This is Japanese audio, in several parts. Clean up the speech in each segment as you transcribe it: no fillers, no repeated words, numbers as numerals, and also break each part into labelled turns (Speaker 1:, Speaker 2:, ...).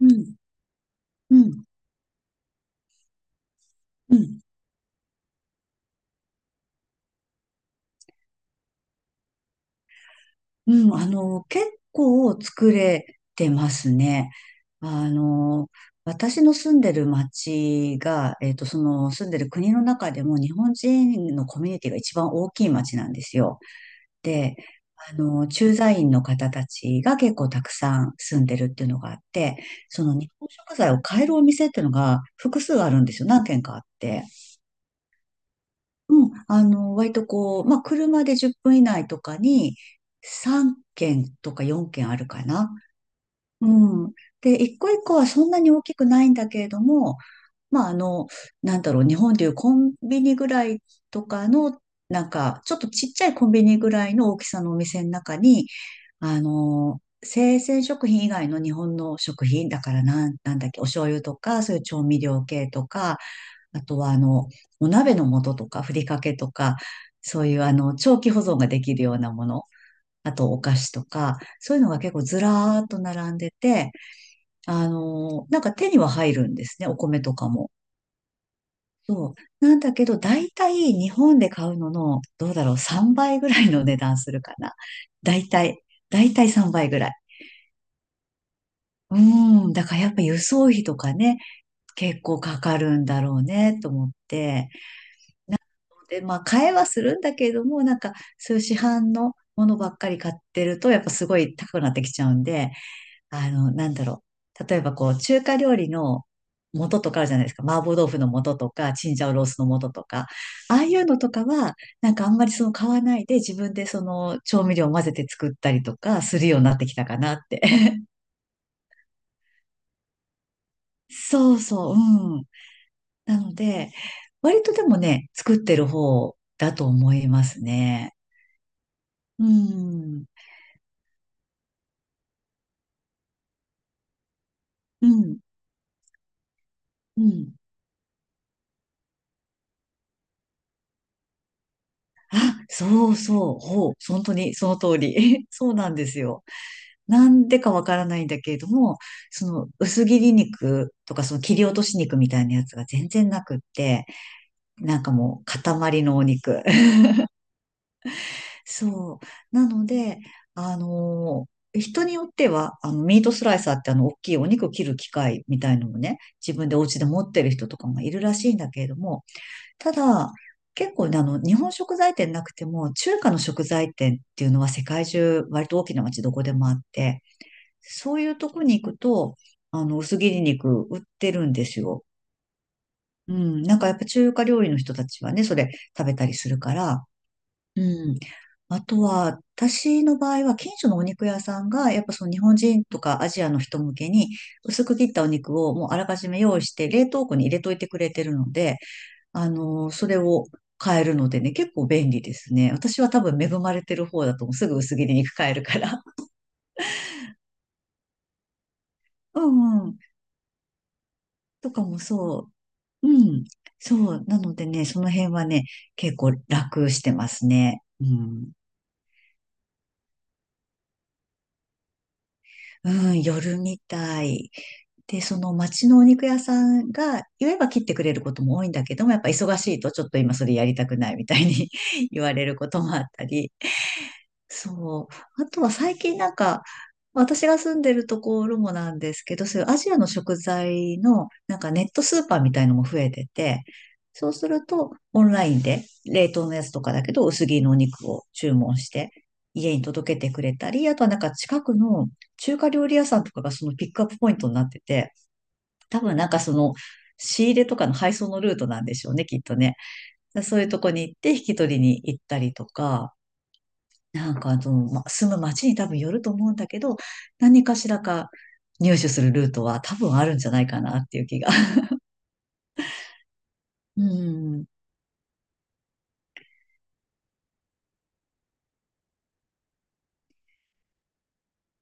Speaker 1: うん、うん、うん、結構作れてますね。あの、私の住んでる町が、その住んでる国の中でも日本人のコミュニティが一番大きい町なんですよ。で、駐在員の方たちが結構たくさん住んでるっていうのがあって、その日本食材を買えるお店っていうのが複数あるんですよ。何軒かあって。割とこう、まあ、車で10分以内とかに3軒とか4軒あるかな。うん。で、一個一個はそんなに大きくないんだけれども、まあ、あの、日本でいうコンビニぐらいとかの、ちょっとちっちゃいコンビニぐらいの大きさのお店の中に、生鮮食品以外の日本の食品、だからなん、なんだっけ、お醤油とか、そういう調味料系とか、あとは、お鍋の素とか、ふりかけとか、そういう、長期保存ができるようなもの、あと、お菓子とか、そういうのが結構ずらーっと並んでて、なんか手には入るんですね、お米とかも。そう。なんだけど、だいたい日本で買うのの、どうだろう、3倍ぐらいの値段するかな。だいたい、だいたい3倍ぐらい。うーん。だからやっぱ輸送費とかね、結構かかるんだろうね、と思って。で、まあ、買えはするんだけれども、そういう市販のものばっかり買ってると、やっぱすごい高くなってきちゃうんで、なんだろう。例えば、こう、中華料理の素とかあるじゃないですか。麻婆豆腐の素とか、チンジャオロースの素とか。ああいうのとかは、なんかあんまりその買わないで、自分でその調味料を混ぜて作ったりとかするようになってきたかなって。そうそう、うん。なので、割とでもね、作ってる方だと思いますね。うん。うん。うん。あ、そうそう。ほう。本当にその通り。そうなんですよ。なんでかわからないんだけれども、その薄切り肉とかその切り落とし肉みたいなやつが全然なくって、なんかもう塊のお肉。そう。なので、人によっては、ミートスライサーって大きいお肉を切る機械みたいのもね、自分でお家で持ってる人とかもいるらしいんだけれども、ただ、結構ね、日本食材店なくても、中華の食材店っていうのは世界中、割と大きな街どこでもあって、そういうとこに行くと、薄切り肉売ってるんですよ。うん。なんかやっぱ中華料理の人たちはね、それ食べたりするから、うん。あとは、私の場合は、近所のお肉屋さんが、やっぱその日本人とかアジアの人向けに、薄く切ったお肉をもうあらかじめ用意して、冷凍庫に入れといてくれてるので、それを買えるのでね、結構便利ですね。私は多分恵まれてる方だと思う。すぐ薄切り肉買えるから。うんうん。とかもそう。うん。そう。なのでね、その辺はね、結構楽してますね。うん。うん、夜みたい。で、その町のお肉屋さんが言えば切ってくれることも多いんだけども、やっぱ忙しいとちょっと今それやりたくないみたいに 言われることもあったり、そう。あとは最近なんか、私が住んでるところもなんですけど、そういうアジアの食材のなんかネットスーパーみたいのも増えてて、そうするとオンラインで冷凍のやつとかだけど薄切りのお肉を注文して家に届けてくれたり、あとはなんか近くの中華料理屋さんとかがそのピックアップポイントになってて、多分なんかその仕入れとかの配送のルートなんでしょうね、きっとね。そういうとこに行って引き取りに行ったりとか、ま、住む街に多分よると思うんだけど、何かしらか入手するルートは多分あるんじゃないかなっていう気が。うん。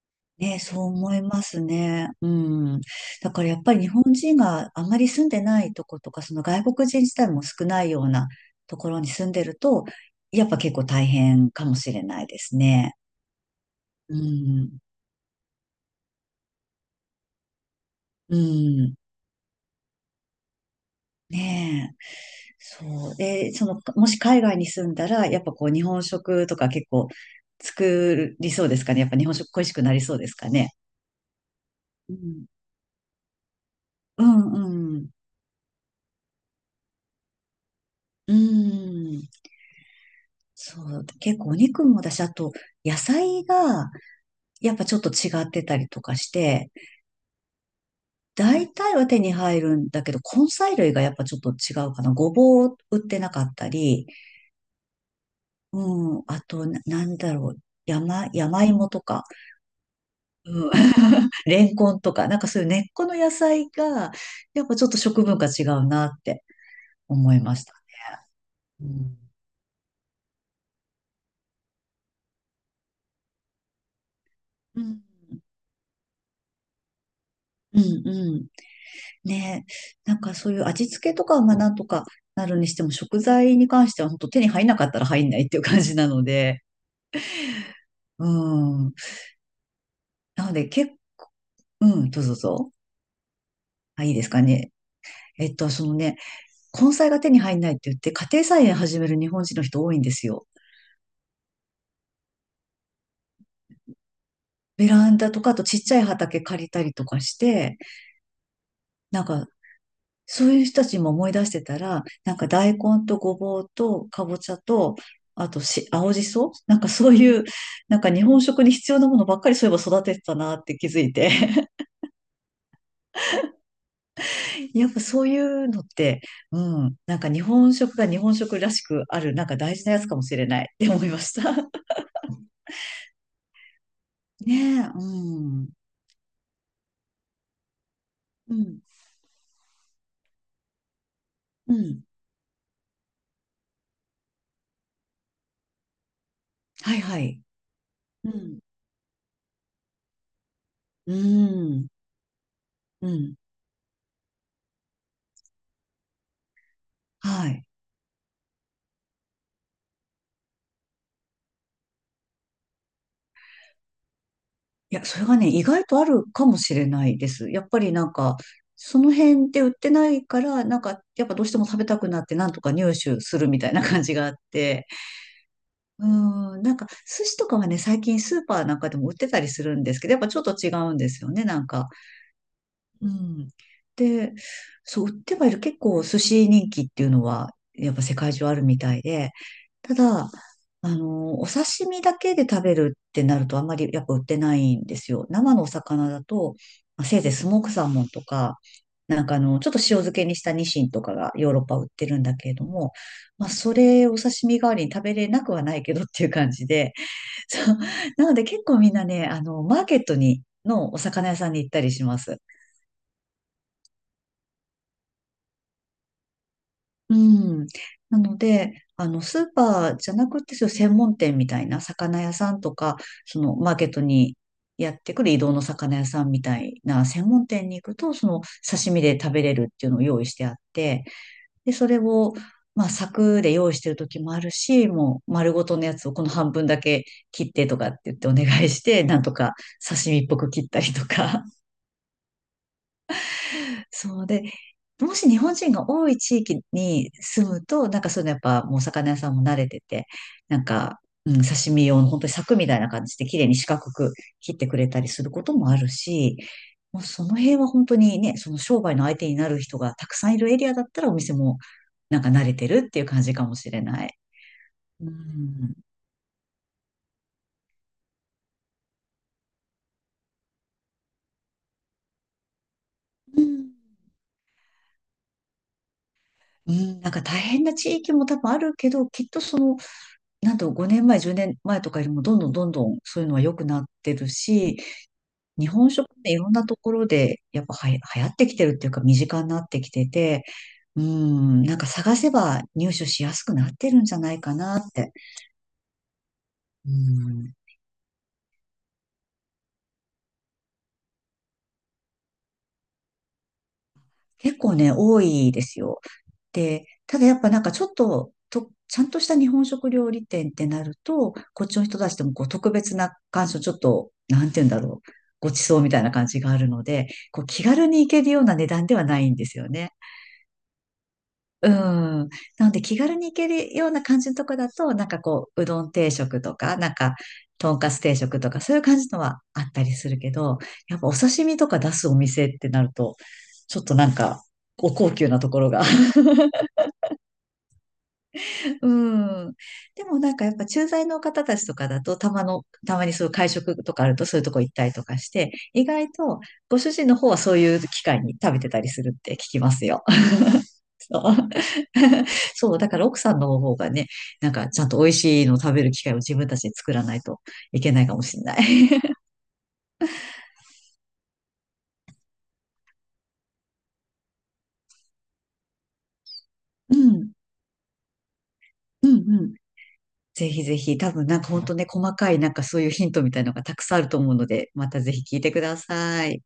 Speaker 1: ね、そう思いますね。うん。だからやっぱり日本人があまり住んでないとことか、その外国人自体も少ないようなところに住んでると、やっぱ結構大変かもしれないですね。うん。うん。ねえ。そう。で、その、もし海外に住んだら、やっぱこう、日本食とか結構作りそうですかね。やっぱ日本食恋しくなりそうですかね。うん。うんうん。うん。そう。結構お肉もだし、あと、野菜が、やっぱちょっと違ってたりとかして、大体は手に入るんだけど、根菜類がやっぱちょっと違うかな。ごぼう売ってなかったり、うん。あと、なんだろう。山芋とか。うん。レンコンとか、なんかそういう根っこの野菜が、やっぱちょっと食文化違うなって思いました。うん。うん、うん、うんねえ。なんかそういう味付けとかはなんとかなるにしても、食材に関しては本当手に入んなかったら入んないっていう感じなので、うん。なので、け、うん、どうぞどうぞ。あ、いいですかね。そのね、根菜が手に入んないって言って、家庭菜園始める日本人の人多いんですよ。ベランダとか、あとちっちゃい畑借りたりとかして、なんかそういう人たちも思い出してたら、なんか大根とごぼうとかぼちゃと、あとし、青じそなんかそういう、なんか日本食に必要なものばっかりそういえば育ててたなって気づいて。やっぱそういうのって、うん、なんか日本食が日本食らしくある、なんか大事なやつかもしれないって思いました。ねえ、うん。うん、うん。はいはい。うん。うん。うん。はい。いや、それがね、意外とあるかもしれないです。やっぱりなんか、その辺で売ってないから、なんか、やっぱどうしても食べたくなって、なんとか入手するみたいな感じがあって。うん、なんか、寿司とかはね、最近スーパーなんかでも売ってたりするんですけど、やっぱちょっと違うんですよね、なんか。うん。で、そう、売ってはいる。結構寿司人気っていうのは、やっぱ世界中あるみたいで、ただ、お刺身だけで食べるってなるとあんまりやっぱ売ってないんですよ。生のお魚だと、まあせいぜいスモークサーモンとか、ちょっと塩漬けにしたニシンとかがヨーロッパ売ってるんだけれども、まあ、それお刺身代わりに食べれなくはないけどっていう感じで、そう。なので結構みんなね、マーケットに、のお魚屋さんに行ったりします。うん。なので、スーパーじゃなくて、そういう専門店みたいな魚屋さんとか、そのマーケットにやってくる移動の魚屋さんみたいな専門店に行くと、その刺身で食べれるっていうのを用意してあって、で、それを、まあ、柵で用意してる時もあるし、もう丸ごとのやつをこの半分だけ切ってとかって言ってお願いして、なんとか刺身っぽく切ったりとか。そうで、もし日本人が多い地域に住むと、なんかそういうのやっぱもうお魚屋さんも慣れてて、なんか、うん、刺身用の本当に柵みたいな感じで綺麗に四角く切ってくれたりすることもあるし、もうその辺は本当にね、その商売の相手になる人がたくさんいるエリアだったらお店もなんか慣れてるっていう感じかもしれない。うん。うんうん、なんか大変な地域も多分あるけど、きっとそのなんと5年前、10年前とかよりもどんどんどんどんそういうのは良くなってるし、日本食っていろんなところでやっぱはや流行ってきてるっていうか身近になってきてて、うん、なんか探せば入手しやすくなってるんじゃないかなって。うん、結構ね、多いですよ。で、ただやっぱなんかちょっと、ちゃんとした日本食料理店ってなると、こっちの人たちでもこう特別な感想、ちょっと、なんて言うんだろう、ごちそうみたいな感じがあるので、こう気軽に行けるような値段ではないんですよね。うん。なので気軽に行けるような感じのとこだと、なんかこう、うどん定食とか、なんか、とんかつ定食とか、そういう感じのはあったりするけど、やっぱお刺身とか出すお店ってなると、ちょっとなんか、お高級なところが、うん。でもなんかやっぱ駐在の方たちとかだと、たまにそういう会食とかあるとそういうとこ行ったりとかして、意外とご主人の方はそういう機会に食べてたりするって聞きますよ。そう。そう、だから奥さんの方がね、なんかちゃんと美味しいのを食べる機会を自分たちで作らないといけないかもしれない。うん、うん、うん。ぜひぜひ、多分なんか本当ね、細かいなんかそういうヒントみたいのがたくさんあると思うので、またぜひ聞いてください。